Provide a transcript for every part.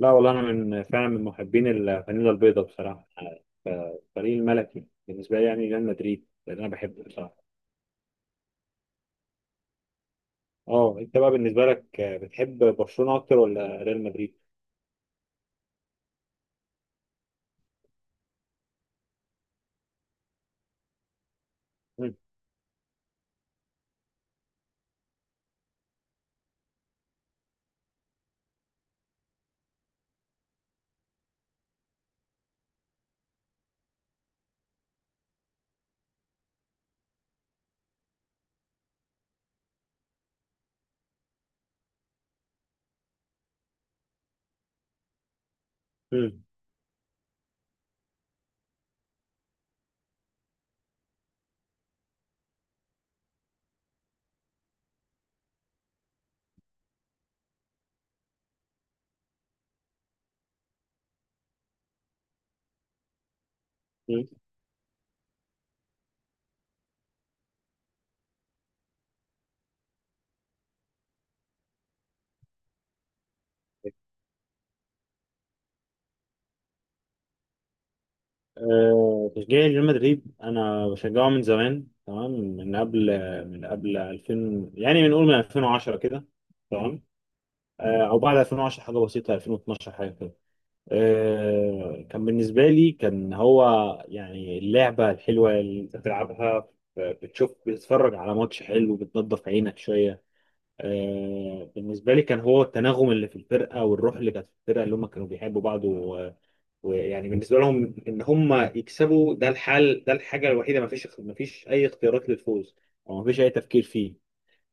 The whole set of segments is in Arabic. لا والله انا من محبين الفانيلا البيضاء بصراحه. فالفريق الملكي بالنسبه لي يعني ريال مدريد لان انا بحبه بصراحه. اه انت بقى بالنسبه لك، بتحب برشلونه اكتر ولا ريال مدريد؟ مم. مم. مم. تشجيعي لريال مدريد انا بشجعه من زمان، تمام، من قبل 2000، يعني بنقول من 2010 كده. تمام. او بعد 2010 حاجه بسيطه، 2012 حاجه كده. كان بالنسبة لي كان هو يعني اللعبة الحلوة اللي انت بتلعبها، بتشوف بتتفرج على ماتش حلو بتنضف عينك شوية. بالنسبة لي كان هو التناغم اللي في الفرقة والروح اللي كانت في الفرقة اللي هم كانوا بيحبوا بعض ويعني بالنسبة لهم ان هم يكسبوا، ده الحل، ده الحاجة الوحيدة. ما فيش اي اختيارات للفوز او ما فيش اي تفكير فيه.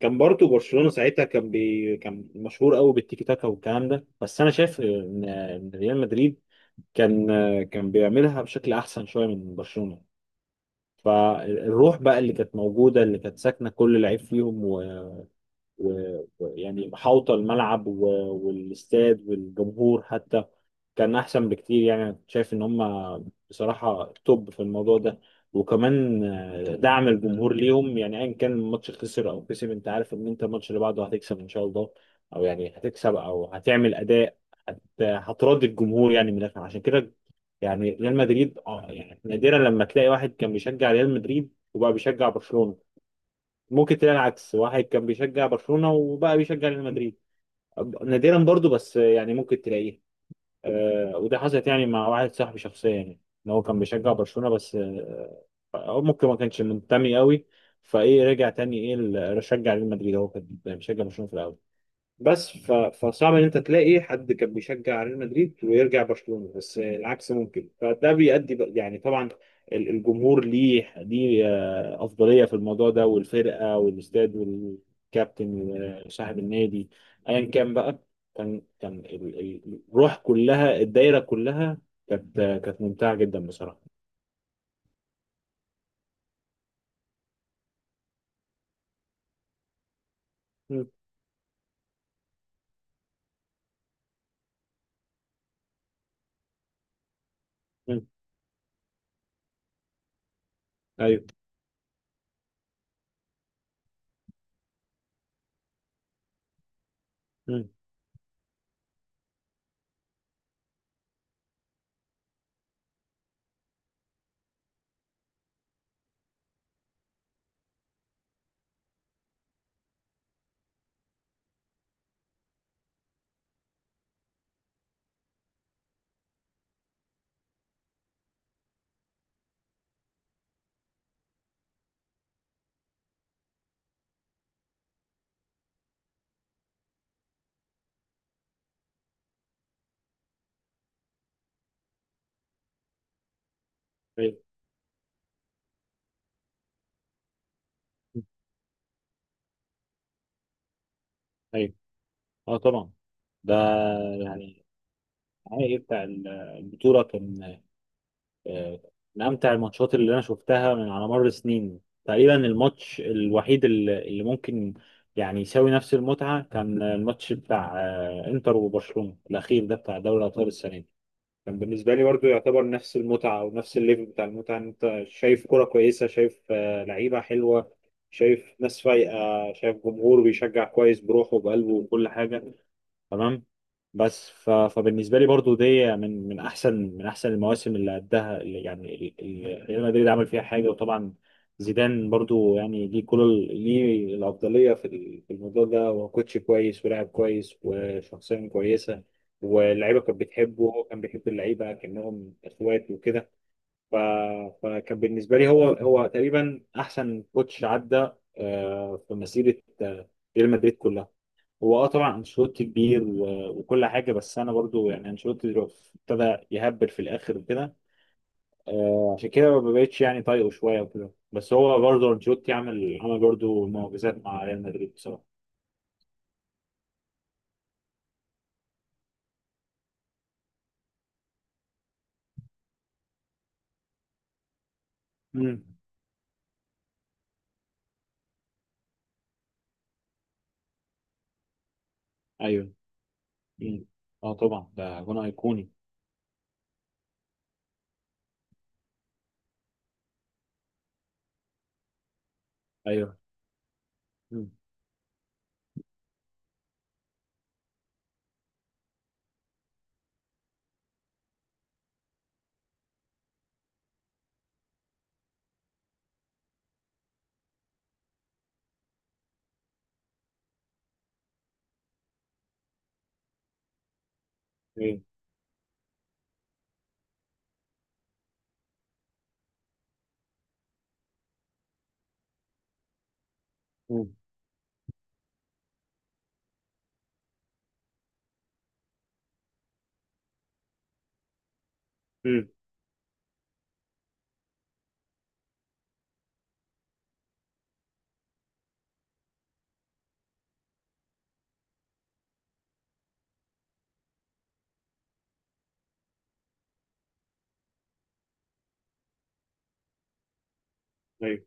كان برضو برشلونة ساعتها كان مشهور قوي بالتيكي تاكا والكلام ده، بس انا شايف ان ريال مدريد كان كان بيعملها بشكل احسن شويه من برشلونه. فالروح بقى اللي كانت موجوده اللي كانت ساكنه كل لعيب فيهم، ويعني محاوطة الملعب والاستاد والجمهور حتى، كان أحسن بكتير. يعني أنا كنت شايف إن هما بصراحة توب في الموضوع ده. وكمان دعم الجمهور ليهم، يعني أيا كان الماتش خسر أو كسب أنت عارف إن أنت الماتش اللي بعده هتكسب إن شاء الله، أو يعني هتكسب أو هتعمل أداء، هتراضي الجمهور يعني من الآخر. عشان كده يعني ريال مدريد اه يعني نادرا لما تلاقي واحد كان بيشجع ريال مدريد وبقى بيشجع برشلونة. ممكن تلاقي العكس، واحد كان بيشجع برشلونة وبقى بيشجع ريال مدريد، نادرا برضو بس يعني ممكن تلاقيه. آه، وده حصلت يعني مع واحد صاحبي شخصيا يعني، ان هو كان بيشجع برشلونة بس آه، هو ممكن ما كانش منتمي قوي، فايه رجع تاني ايه رشجع ريال مدريد، هو كان بيشجع برشلونة في الاول. فصعب ان انت تلاقي حد كان بيشجع ريال مدريد ويرجع برشلونة، بس العكس ممكن. فده بيؤدي بقى، يعني طبعا الجمهور ليه افضلية في الموضوع ده، والفرقة والاستاد والكابتن وصاحب النادي ايا كان بقى، كان الروح كلها الدايرة كلها، كانت ممتعة جدا بصراحة. مم. مم. ايوه. مم. ايوه. مم. ايوه. اه طبعا، ده يعني النهائي بتاع البطولة كان آه، من امتع الماتشات اللي انا شفتها من على مر السنين تقريبا. الماتش الوحيد اللي ممكن يعني يساوي نفس المتعه كان الماتش بتاع انتر وبرشلونه الاخير ده بتاع دوري الابطال السنه دي. كان بالنسبه لي برضو يعتبر نفس المتعه او نفس الليفل بتاع المتعه، ان انت شايف كره كويسه، شايف لعيبه حلوه، شايف ناس فايقه، شايف جمهور بيشجع كويس بروحه وبقلبه وكل حاجه. تمام. فبالنسبه لي برضو دي من احسن المواسم اللي قدها، اللي يعني ريال مدريد عمل فيها حاجه. وطبعا زيدان برضو يعني ليه ليه الافضليه في الموضوع ده. هو كوتش كويس ولاعب كويس وشخصيه كويسه، واللعيبه كانت بتحبه وهو كان بيحب اللعيبه كانهم اخوات وكده. ف... فكان بالنسبه لي هو تقريبا احسن كوتش عدى في مسيره ريال مدريد كلها. هو اه طبعا انشيلوتي كبير وكل حاجه، بس انا برضو يعني انشيلوتي دلوقتي ابتدى يهبل في الاخر كده، عشان كده ما بقتش يعني طايقه شويه وكده. بس هو برضو انشيلوتي عمل عمل برضو معجزات مع ريال مدريد بصراحه. امم. ايوه. مم. اه طبعا ده جون ايقوني. ايوه. مم. ايوه. مم. مم. ايوه.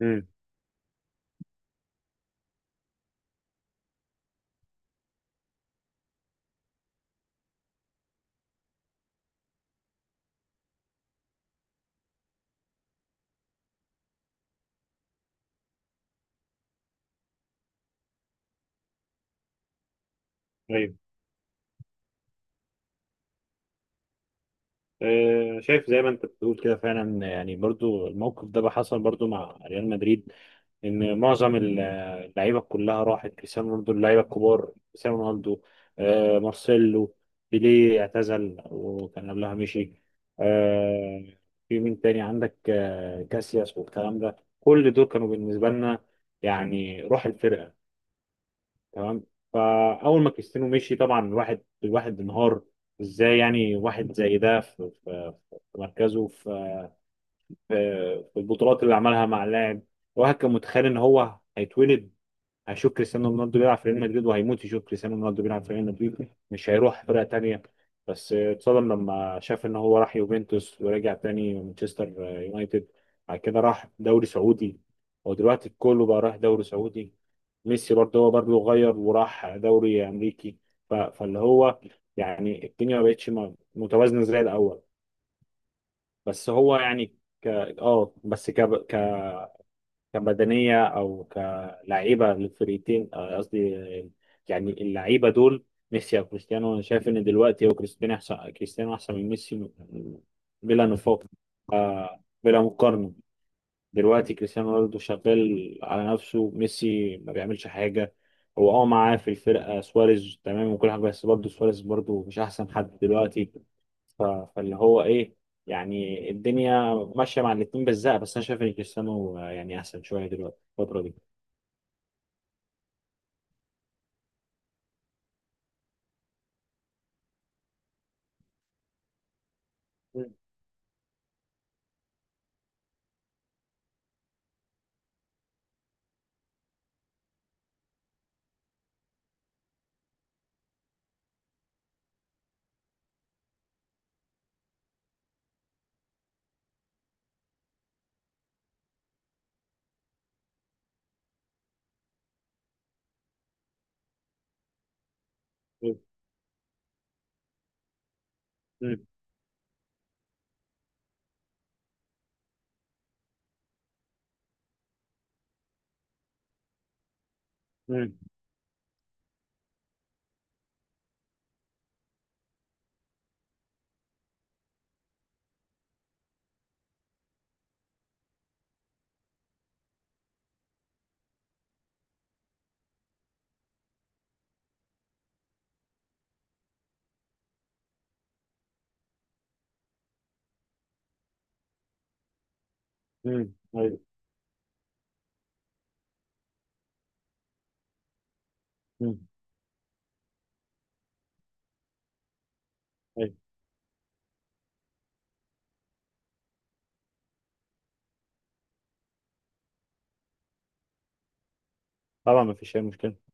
مم. ايوه. شايف زي ما انت بتقول كده فعلا يعني، برضو الموقف ده بقى حصل برضو مع ريال مدريد، ان معظم اللعيبه كلها راحت. كريستيانو رونالدو، اللعيبه الكبار، كريستيانو رونالدو، مارسيلو، بيليه اعتزل وكان قبلها مشي، آه، في مين تاني عندك، كاسياس والكلام ده، كل دول كانوا بالنسبه لنا يعني روح الفرقه. تمام. فاول ما كريستيانو مشي طبعا الواحد انهار. ازاي يعني واحد زي ده في مركزه، في في البطولات اللي عملها مع اللاعب. الواحد كان متخيل ان هو هيتولد هيشوف كريستيانو رونالدو بيلعب في ريال مدريد، وهيموت يشوف كريستيانو رونالدو بيلعب في ريال مدريد، مش هيروح فرقة تانية. بس اتصدم لما شاف ان هو راح يوفنتوس، ورجع تاني مانشستر يونايتد، بعد كده راح دوري سعودي. ودلوقتي كله بقى راح دوري سعودي، ميسي برضه هو برضه غير وراح دوري امريكي. فاللي هو يعني الدنيا ما بقتش متوازنه زي الاول. بس هو يعني ك اه بس ك ك كبدنيه او كلعيبه للفريقين، قصدي آه، يعني اللعيبه دول، ميسي او كريستيانو، انا شايف ان دلوقتي هو كريستيانو احسن، كريستيانو احسن من ميسي بلا نفاق، بلا مقارنه. دلوقتي كريستيانو رونالدو شغال على نفسه، ميسي ما بيعملش حاجة. هو اه معاه في الفرقة سواريز تمام وكل حاجة، بس برضه سواريز برضه مش أحسن حد دلوقتي. فاللي هو إيه، يعني الدنيا ماشية مع الاتنين بالزق، بس أنا شايف إن كريستيانو يعني أحسن شوية دلوقتي الفترة دي. مم. مم. مم. مم. مم. أيوه. مم. أيوه. طبعا ما فيش أي مشكلة